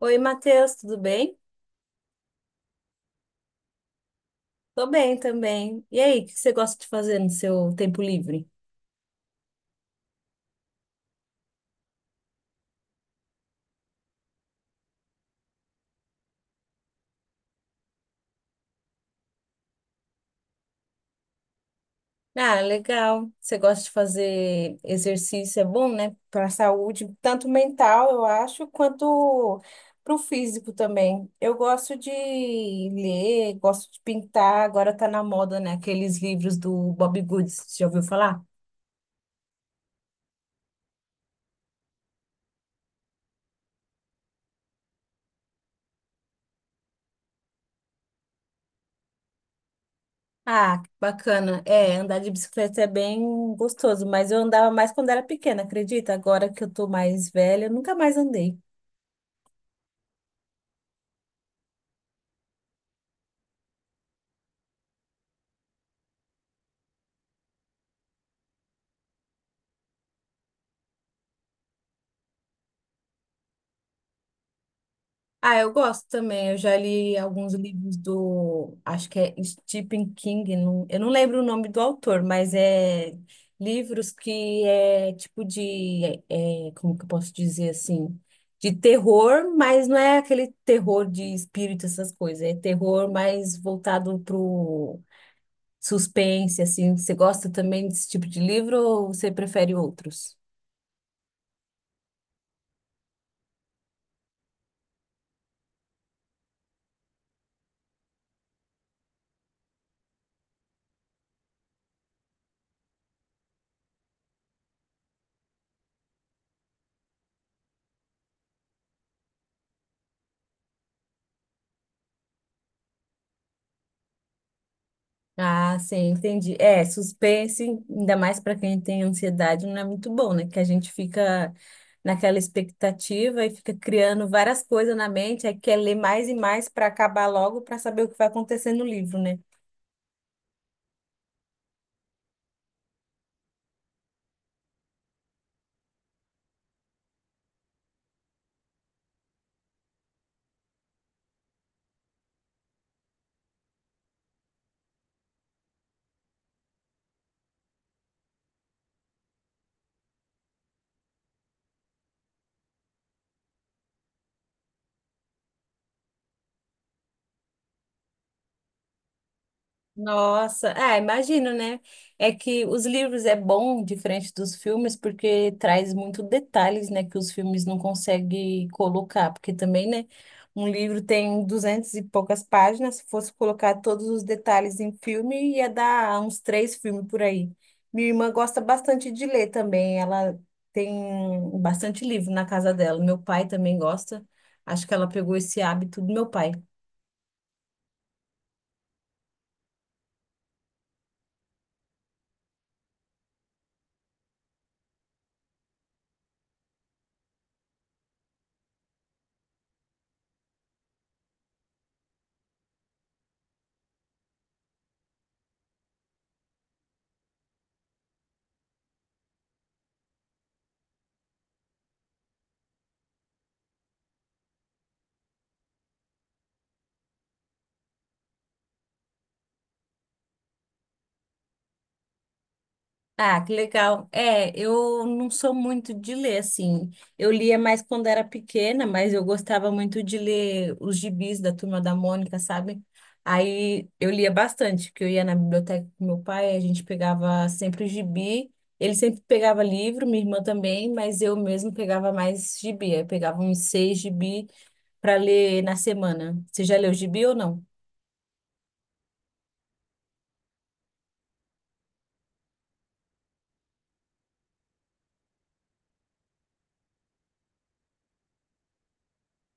Oi, Matheus, tudo bem? Tô bem também. E aí, o que você gosta de fazer no seu tempo livre? Ah, legal. Você gosta de fazer exercício, é bom, né? Para a saúde, tanto mental, eu acho, quanto para o físico também. Eu gosto de ler, gosto de pintar. Agora tá na moda, né? Aqueles livros do Bob Goods. Já ouviu falar? Ah, que bacana. É, andar de bicicleta é bem gostoso, mas eu andava mais quando era pequena, acredita? Agora que eu tô mais velha, eu nunca mais andei. Ah, eu gosto também. Eu já li alguns livros do, acho que é Stephen King, eu não lembro o nome do autor, mas é livros que é tipo de, é, como que eu posso dizer assim? De terror, mas não é aquele terror de espírito, essas coisas. É terror mais voltado pro suspense, assim, você gosta também desse tipo de livro ou você prefere outros? Ah, sim, entendi. É, suspense, ainda mais para quem tem ansiedade, não é muito bom, né? Que a gente fica naquela expectativa e fica criando várias coisas na mente, aí quer ler mais e mais para acabar logo para saber o que vai acontecer no livro, né? Nossa, ah, imagino, né? É que os livros é bom diferente dos filmes porque traz muito detalhes, né, que os filmes não conseguem colocar, porque também, né, um livro tem duzentas e poucas páginas, se fosse colocar todos os detalhes em filme, ia dar uns três filmes por aí. Minha irmã gosta bastante de ler também, ela tem bastante livro na casa dela. Meu pai também gosta. Acho que ela pegou esse hábito do meu pai. Ah, que legal. É, eu não sou muito de ler, assim. Eu lia mais quando era pequena, mas eu gostava muito de ler os gibis da Turma da Mônica, sabe? Aí eu lia bastante, porque eu ia na biblioteca com meu pai, a gente pegava sempre o gibi. Ele sempre pegava livro, minha irmã também, mas eu mesmo pegava mais gibi. Eu pegava uns seis gibi para ler na semana. Você já leu gibi ou não?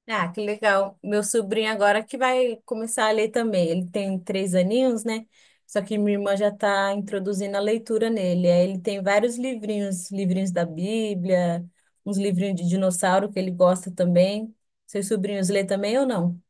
Ah, que legal. Meu sobrinho agora que vai começar a ler também. Ele tem três aninhos, né? Só que minha irmã já está introduzindo a leitura nele. Aí ele tem vários livrinhos, livrinhos da Bíblia, uns livrinhos de dinossauro que ele gosta também. Seus sobrinhos lê também ou não?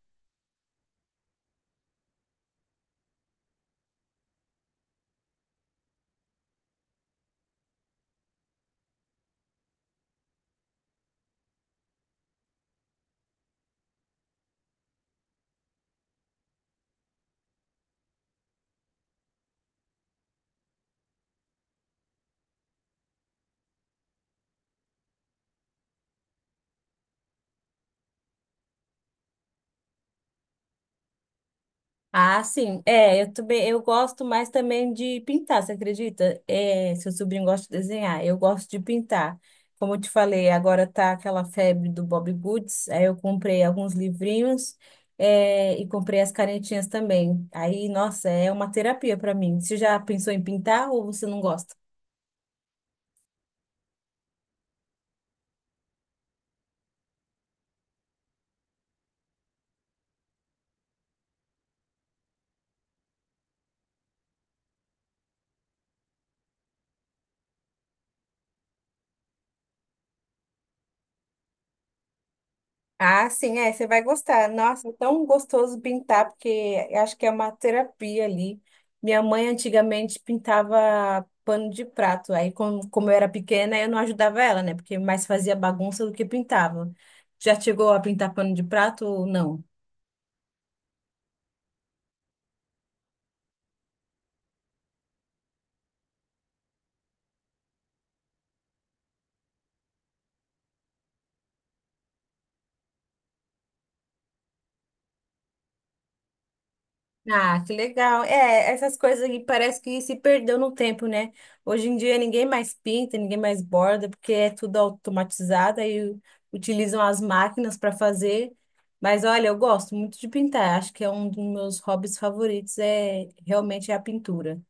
Ah, sim. É, eu também, eu gosto mais também de pintar, você acredita? É, seu sobrinho gosta de desenhar, eu gosto de pintar. Como eu te falei, agora tá aquela febre do Bob Goods, aí eu comprei alguns livrinhos, é, e comprei as canetinhas também. Aí, nossa, é uma terapia para mim. Você já pensou em pintar ou você não gosta? Ah, sim, é, você vai gostar. Nossa, é tão gostoso pintar, porque eu acho que é uma terapia ali. Minha mãe antigamente pintava pano de prato. Aí, como eu era pequena, eu não ajudava ela, né? Porque mais fazia bagunça do que pintava. Já chegou a pintar pano de prato ou não? Ah, que legal. É, essas coisas aí parece que se perdeu no tempo, né? Hoje em dia ninguém mais pinta, ninguém mais borda, porque é tudo automatizado e utilizam as máquinas para fazer. Mas olha, eu gosto muito de pintar. Acho que é um dos meus hobbies favoritos, é realmente é a pintura.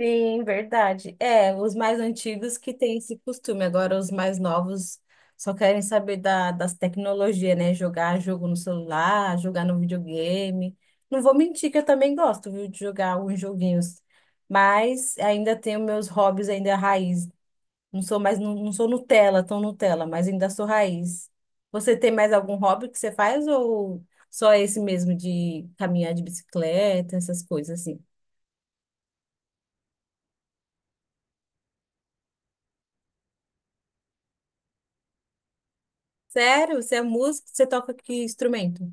Sim, verdade. É, os mais antigos que têm esse costume, agora os mais novos só querem saber da, das tecnologias, né? Jogar jogo no celular, jogar no videogame. Não vou mentir que eu também gosto, viu, de jogar alguns joguinhos, mas ainda tenho meus hobbies ainda raiz. Não sou mais, não, não sou Nutella, tão Nutella, mas ainda sou raiz. Você tem mais algum hobby que você faz ou só esse mesmo de caminhar de bicicleta, essas coisas assim? Sério? Você é músico? Você toca que instrumento?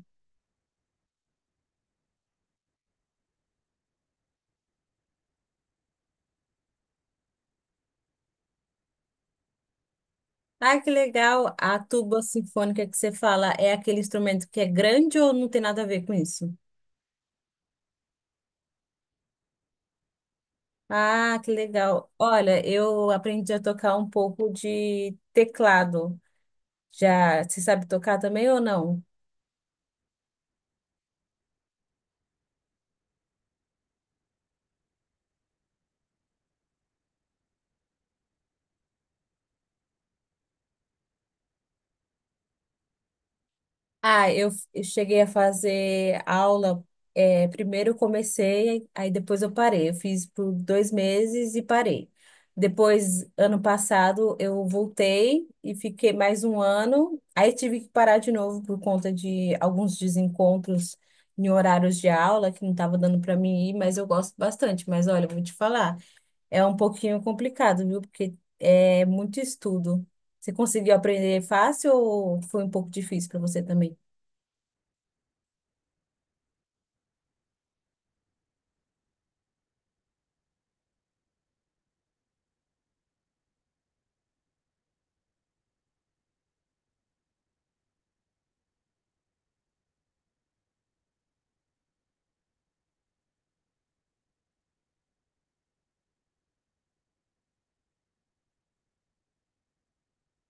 Ah, que legal. A tuba sinfônica que você fala é aquele instrumento que é grande ou não tem nada a ver com isso? Ah, que legal. Olha, eu aprendi a tocar um pouco de teclado. Já, você sabe tocar também ou não? Eu cheguei a fazer aula. É, primeiro eu comecei, aí depois eu parei. Eu fiz por 2 meses e parei. Depois, ano passado, eu voltei e fiquei mais um ano. Aí tive que parar de novo por conta de alguns desencontros em horários de aula que não estava dando para mim ir, mas eu gosto bastante. Mas olha, eu vou te falar, é um pouquinho complicado, viu? Porque é muito estudo. Você conseguiu aprender fácil ou foi um pouco difícil para você também?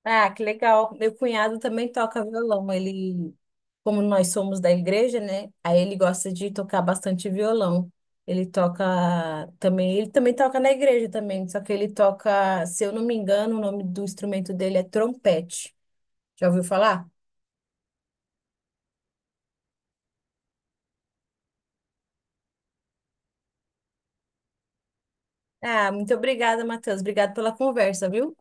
Ah, que legal. Meu cunhado também toca violão. Ele, como nós somos da igreja, né? Aí ele gosta de tocar bastante violão. Ele toca também, ele também toca na igreja também, só que ele toca, se eu não me engano, o nome do instrumento dele é trompete. Já ouviu falar? Ah, muito obrigada, Matheus. Obrigado pela conversa, viu?